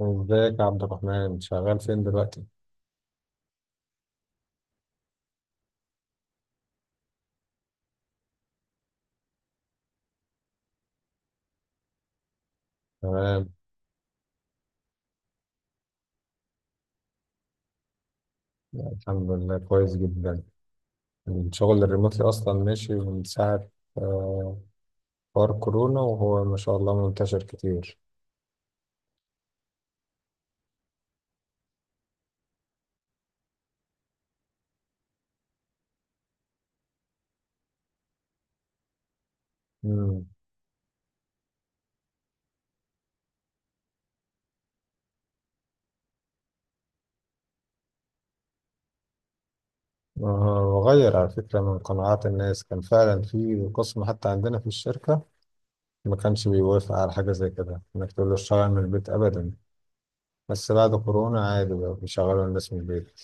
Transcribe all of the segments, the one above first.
ازيك يا عبد الرحمن شغال فين دلوقتي؟ تمام. الحمد لله كويس جدا. الشغل الريموتلي أصلا ماشي من ساعة آه، حوار كورونا وهو ما شاء الله منتشر كتير. مم. وغير على فكرة من قناعات الناس كان فعلا في قسم حتى عندنا في الشركة ما كانش بيوافق على حاجة زي كده إنك تقول له اشتغل من البيت أبدا. بس بعد كورونا عادي بقى بيشغلوا الناس من البيت.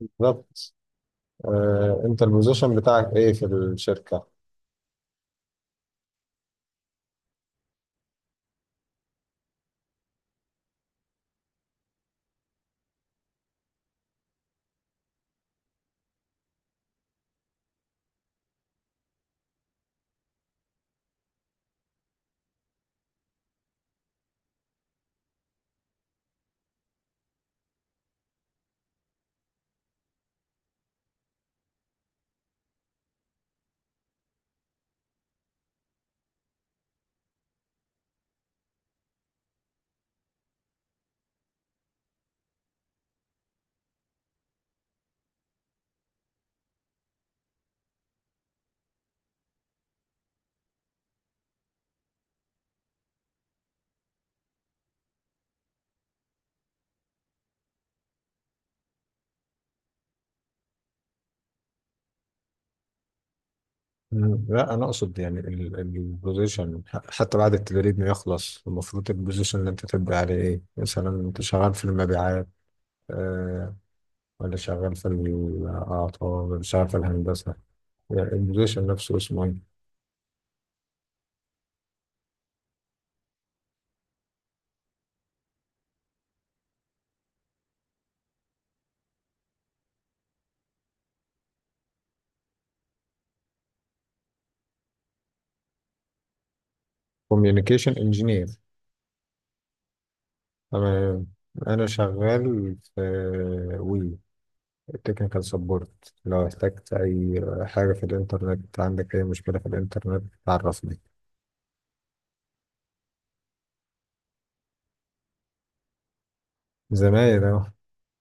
بالظبط. انت البوزيشن بتاعك ايه في الشركة؟ مم. لا انا اقصد يعني البوزيشن، حتى بعد التدريب ما يخلص المفروض البوزيشن اللي انت تبقى عليه ايه، مثلا انت شغال في المبيعات آه ولا شغال في الاعطاء ولا شغال في الهندسه؟ يعني البوزيشن نفسه اسمه ايه؟ كوميونيكيشن انجينير. تمام. أنا شغال في وي التكنيكال سبورت، لو احتجت أي حاجة في الإنترنت، عندك أي مشكلة في الإنترنت تعرفني. زمايل أهو،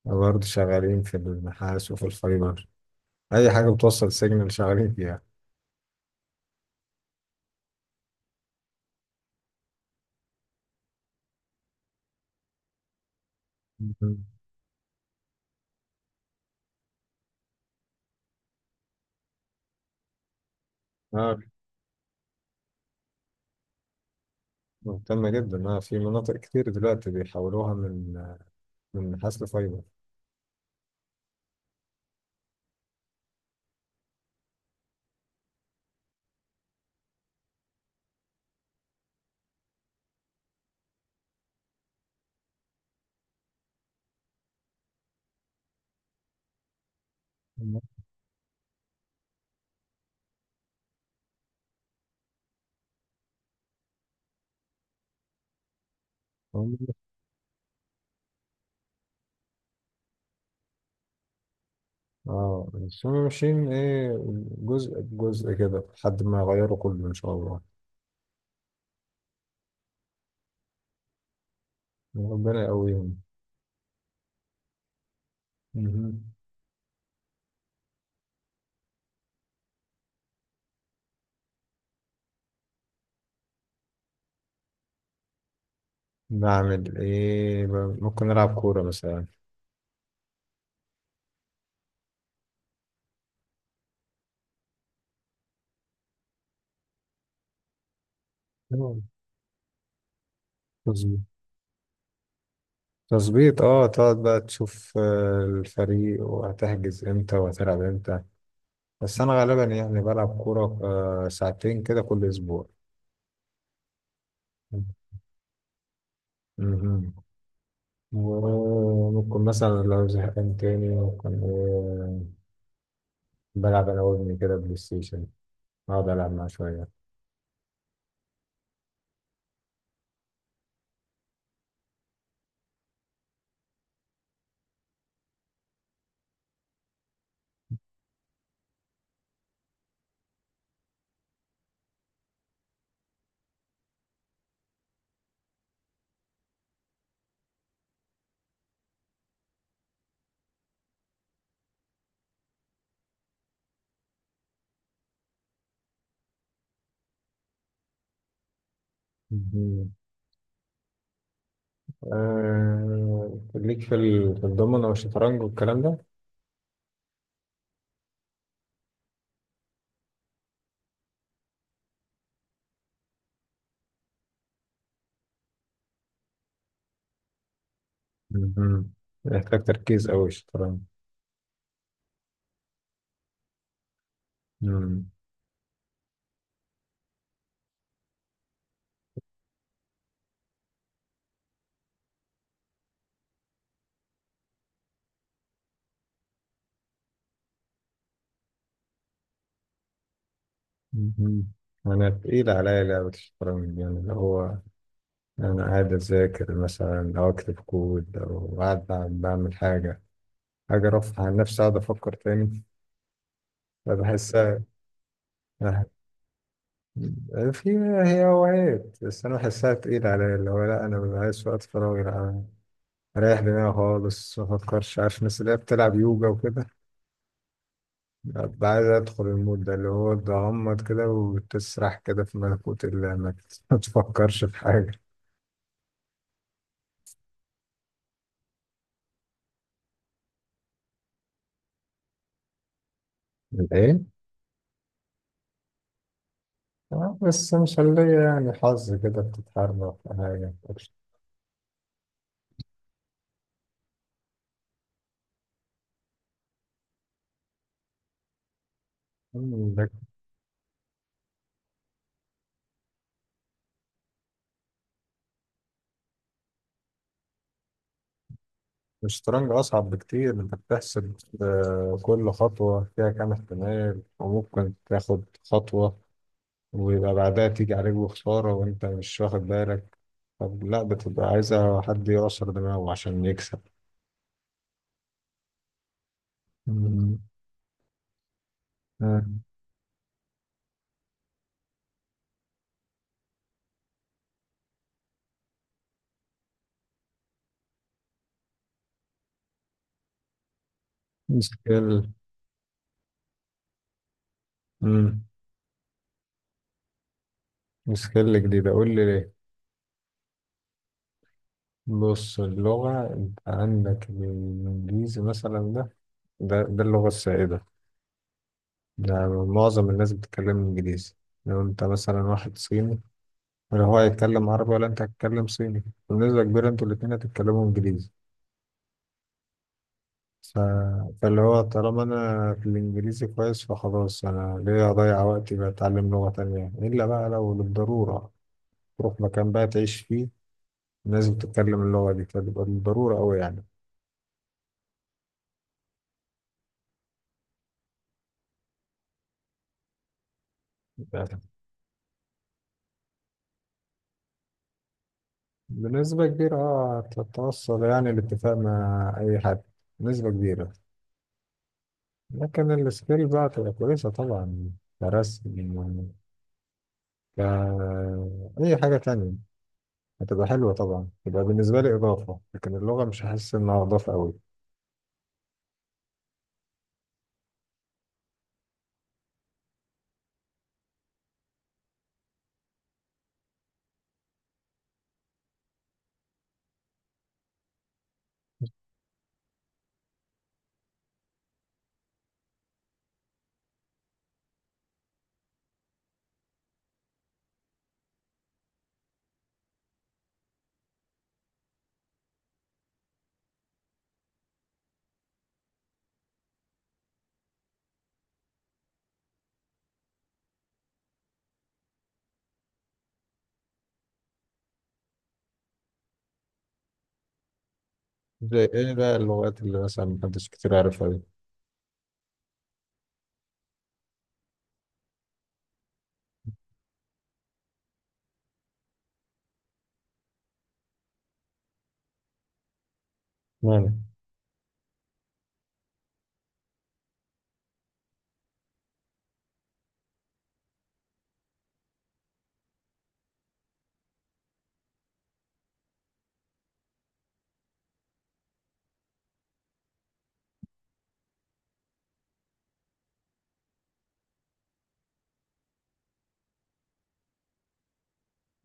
برضه شغالين في النحاس وفي الفايبر، أي حاجة بتوصل سيجنال شغالين فيها. مهم. آه. مهتمة جدا في مناطق كتير دلوقتي بيحولوها من نحاس لفايبر. مم. هم- اه بس هم ماشيين إيه، جزء بجزء كده لحد ما يغيروا كله إن شاء الله. ربنا يقويهم. مهم. بعمل ايه؟ ممكن نلعب كورة مثلا. آه. تظبيط. تظبيط، تقعد بقى تشوف الفريق وهتحجز امتى وهتلعب امتى. بس انا غالبا يعني بلعب كورة ساعتين كده كل اسبوع. مهم. وممكن مثلا لو زهقان تاني ممكن، بلعب انا وابني كده بلاي ستيشن، اقعد العب معاه شوية. مهم. مهم. ليك في في الضمنة والشطرنج والكلام ده؟ مهم. يحتاج تركيز أوي الشطرنج. مم. مهم. أنا تقيل عليا لعبة الشطرنج دي، يعني اللي هو أنا قاعد أذاكر مثلا أو أكتب كود أو قاعد بعمل حاجة، حاجة رفع عن نفسي أقعد أفكر تاني، فبحسها في. هي هوايات بس أنا بحسها تقيلة عليا، اللي هو لأ أنا ببقى عايز وقت فراغي، لأ، أنا أريح دماغي خالص مفكرش، عارف الناس اللي هي بتلعب يوجا وكده، أبقى عايز أدخل المود ده اللي هو تغمض كده وتسرح كده في ملكوت الله ما تفكرش في حاجة. ايه؟ بس مش اللي يعني حظ كده بتتحرك في حاجة؟ ده الشطرنج أصعب بكتير، أنت بتحسب كل خطوة فيها كام احتمال، وممكن تاخد خطوة ويبقى بعدها تيجي عليك بخسارة وأنت مش واخد بالك. طب لا، بتبقى عايزة حد يعصر دماغه عشان يكسب. مم. آه، مشكلة. مم. سكيل جديدة قول لي ليه. بص اللغة، انت عندك الإنجليزي مثلا، ده، ده اللغة السائدة، ده معظم الناس بتتكلم إنجليزي. لو انت مثلا واحد صيني، ولا هو هيتكلم عربي ولا انت هتتكلم صيني، بنسبة كبيرة انتوا الاتنين هتتكلموا إنجليزي. ف... فاللي هو طالما أنا في الإنجليزي كويس فخلاص، أنا ليه أضيع وقتي بتعلم لغة تانية إلا بقى لو للضرورة، تروح مكان بقى تعيش فيه ناس بتتكلم اللغة دي فتبقى بالضرورة أوي. يعني بنسبة كبيرة اه تتوصل يعني الاتفاق مع أي حد بنسبة كبيرة. لكن السكيل بقى تبقى كويسة طبعا، كرسم، ك أي حاجة تانية، هتبقى حلوة طبعا، تبقى بالنسبة لي إضافة، لكن اللغة مش هحس إنها إضافة أوي. زي إيه بقى اللغات اللي مثلا محدش كتير عارفها دي؟ مم.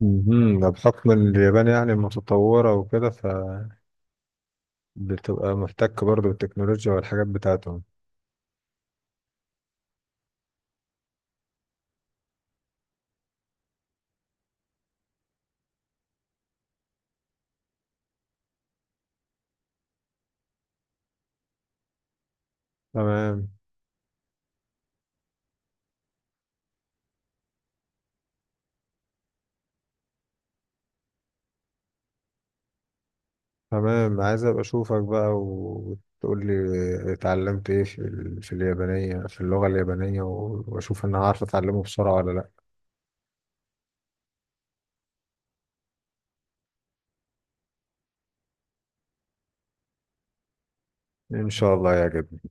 مهم. ده بحكم إن اليابان يعني متطورة وكده، فبتبقى محتك برضه بالتكنولوجيا والحاجات بتاعتهم. تمام. تمام، عايز ابقى اشوفك بقى وتقول لي اتعلمت ايه في في اليابانية، في اللغة اليابانية واشوف انا عارف اتعلمه بسرعة ولا لا. ان شاء الله يا جد.